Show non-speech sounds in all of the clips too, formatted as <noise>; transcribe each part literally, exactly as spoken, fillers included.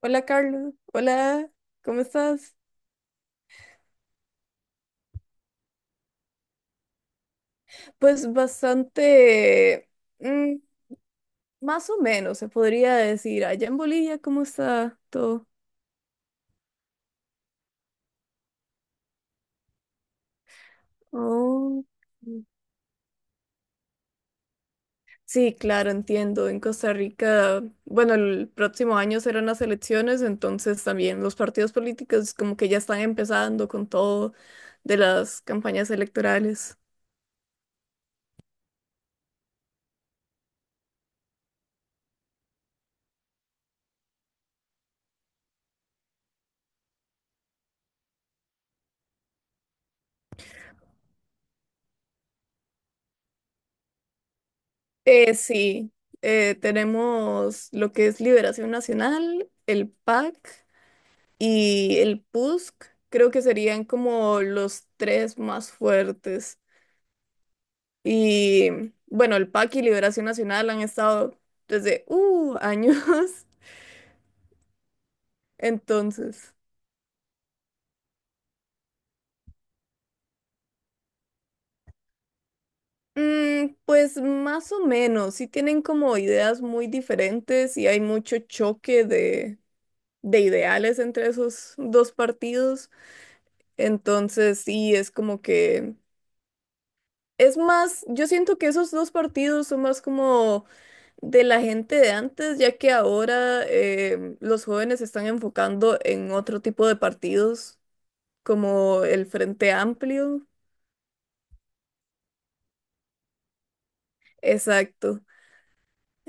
Hola Carlos, hola, ¿cómo estás? Pues bastante, mm, más o menos se podría decir. Allá en Bolivia, ¿cómo está todo? Oh. Sí, claro, entiendo. En Costa Rica, bueno, el próximo año serán las elecciones, entonces también los partidos políticos como que ya están empezando con todo de las campañas electorales. Eh, sí, eh, tenemos lo que es Liberación Nacional, el P A C. Y el Pusk, creo que serían como los tres más fuertes. Y bueno, el P A C y Liberación Nacional han estado desde uh, años. <laughs> Entonces, mm, pues más o menos, sí tienen como ideas muy diferentes y hay mucho choque de, de ideales entre esos dos partidos. Entonces, sí, es como que es más, yo siento que esos dos partidos son más como de la gente de antes, ya que ahora em, los jóvenes se están enfocando en otro tipo de partidos, como el Frente Amplio. Exacto.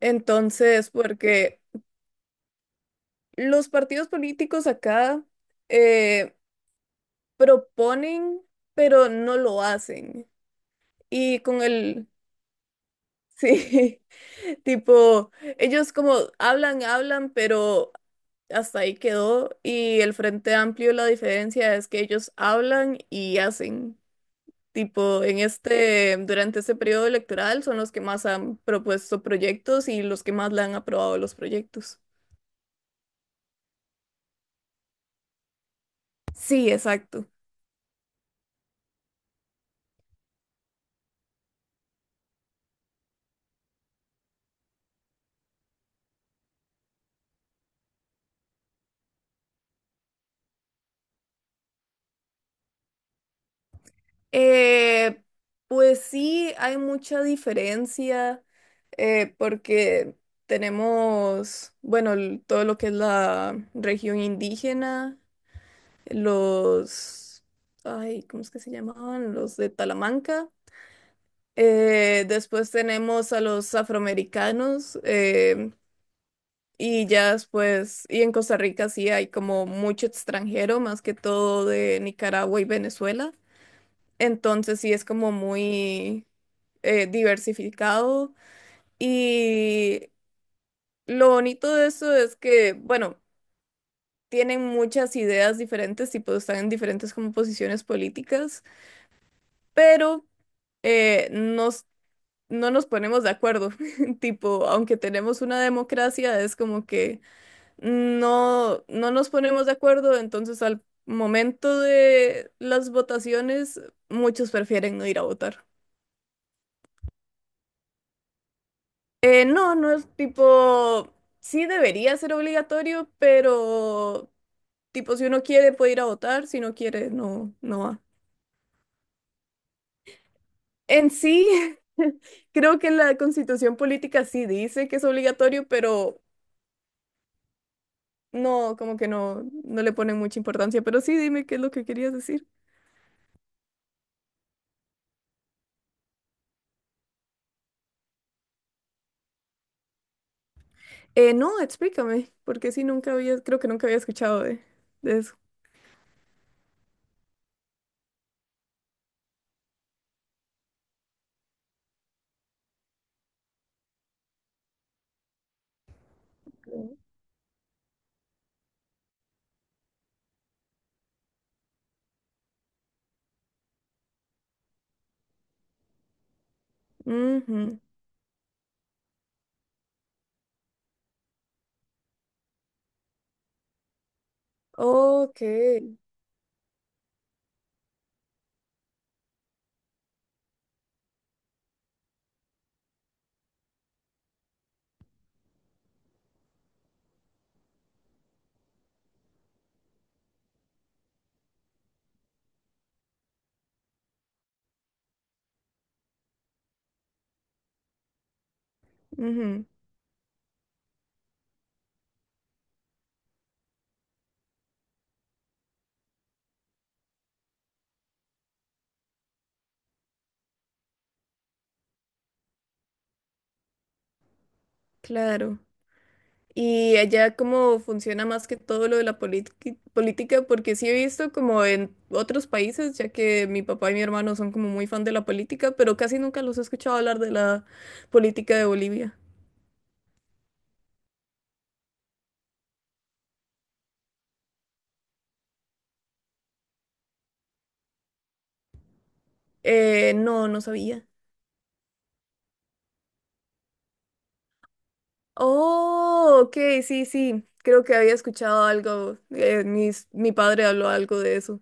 Entonces, porque los partidos políticos acá eh, proponen, pero no lo hacen. Y con el, <laughs> sí, tipo, ellos como hablan, hablan, pero hasta ahí quedó. Y el Frente Amplio, la diferencia es que ellos hablan y hacen. Tipo, en este, durante este periodo electoral son los que más han propuesto proyectos y los que más le han aprobado los proyectos. Sí, exacto. Eh, pues sí, hay mucha diferencia eh, porque tenemos, bueno, l- todo lo que es la región indígena los, ay, ¿cómo es que se llamaban? Los de Talamanca. Eh, después tenemos a los afroamericanos em, y ya después, y en Costa Rica sí hay como mucho extranjero, más que todo de Nicaragua y Venezuela. Entonces sí es como muy eh, diversificado y lo bonito de eso es que, bueno, tienen muchas ideas diferentes y pues están en diferentes como posiciones políticas, pero eh, nos, no nos ponemos de acuerdo. <laughs> Tipo, aunque tenemos una democracia, es como que no, no nos ponemos de acuerdo, entonces al momento de las votaciones, muchos prefieren no ir a votar. Eh, no, no es tipo, sí debería ser obligatorio, pero tipo, si uno quiere puede ir a votar, si no quiere, no, no va. En sí, <laughs> creo que la constitución política sí dice que es obligatorio, pero no, como que no, no le ponen mucha importancia, pero sí, dime qué es lo que querías decir. Eh, no, explícame, porque sí, nunca había, creo que nunca había escuchado de, de eso. Ujú. Ok, ujú, claro. Y allá cómo funciona más que todo lo de la politi- política, porque sí he visto como en otros países, ya que mi papá y mi hermano son como muy fan de la política, pero casi nunca los he escuchado hablar de la política de Bolivia. Eh, no, no sabía. Oh, ok, sí, sí. Creo que había escuchado algo. eh, mis- mi padre habló algo de eso.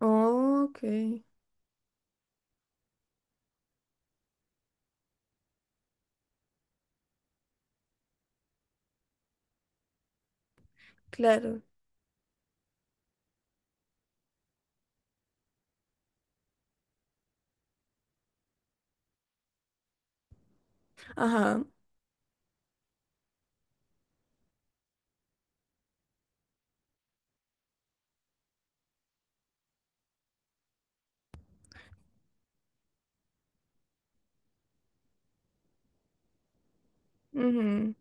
Oh, ok, claro. Ajá. Ujú.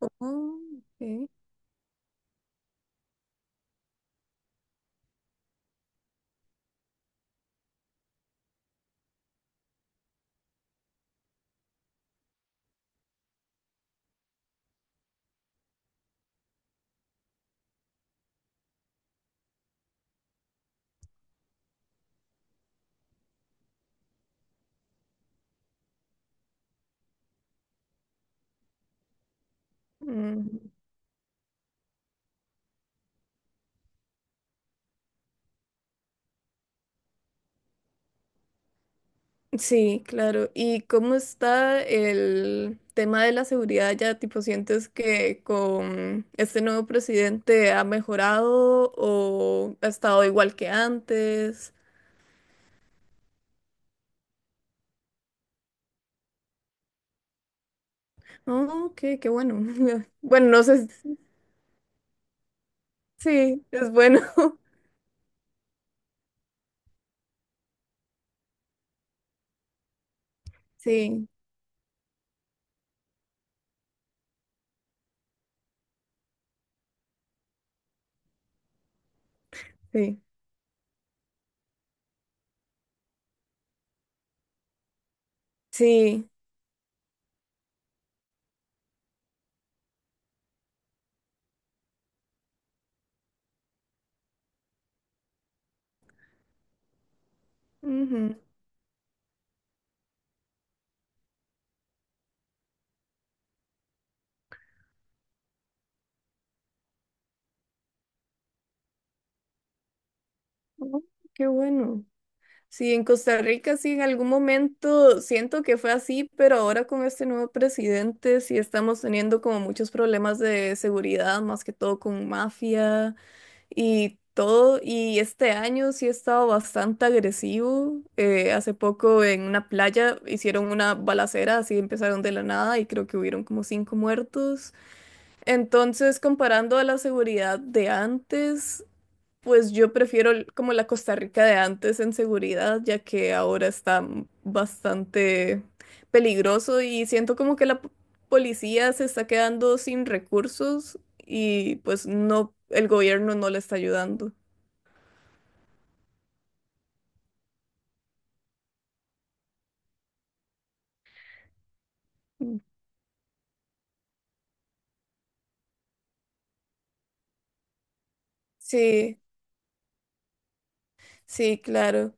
Oh, ok, mm. Sí, claro. ¿Y cómo está el tema de la seguridad ya? Tipo, ¿sientes que con este nuevo presidente ha mejorado o ha estado igual que antes? Oh, ok, qué bueno. <laughs> Bueno, no sé. si- Sí, es bueno. <laughs> Sí, sí, sí. Ujú. Oh, qué bueno. Sí, en Costa Rica sí, en algún momento siento que fue así, pero ahora con este nuevo presidente sí estamos teniendo como muchos problemas de seguridad, más que todo con mafia y todo. Y este año sí ha estado bastante agresivo. Eh, hace poco en una playa hicieron una balacera, así empezaron de la nada y creo que hubieron como cinco muertos. Entonces, comparando a la seguridad de antes, pues yo prefiero l- como la Costa Rica de antes en seguridad, ya que ahora está m- bastante peligroso y siento como que la p- policía se está quedando sin recursos y pues no, el gobierno no le está ayudando. Mm. Sí, sí, claro.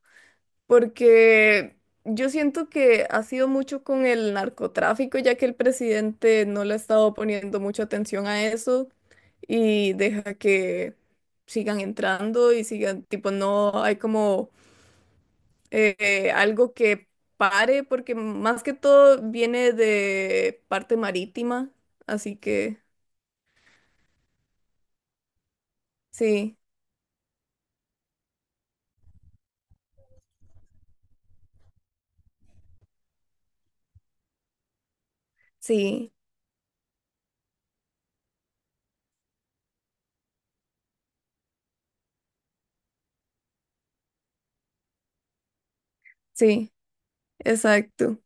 Porque yo siento que ha sido mucho con el narcotráfico, ya que el presidente no le ha estado poniendo mucha atención a eso y deja que sigan entrando y sigan, tipo, no hay como eh, eh, algo que pare, porque más que todo viene de parte marítima, así que sí, sí, sí, exacto,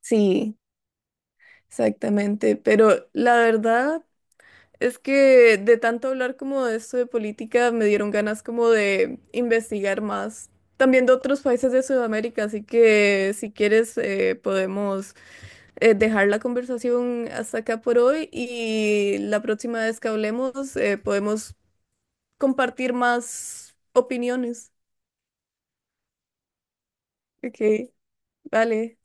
sí, exactamente, pero la verdad... Es que de tanto hablar como de esto de política me dieron ganas como de investigar más. También de otros países de Sudamérica, así que si quieres eh, podemos eh, dejar la conversación hasta acá por hoy y la próxima vez que hablemos eh, podemos compartir más opiniones. Ok, vale.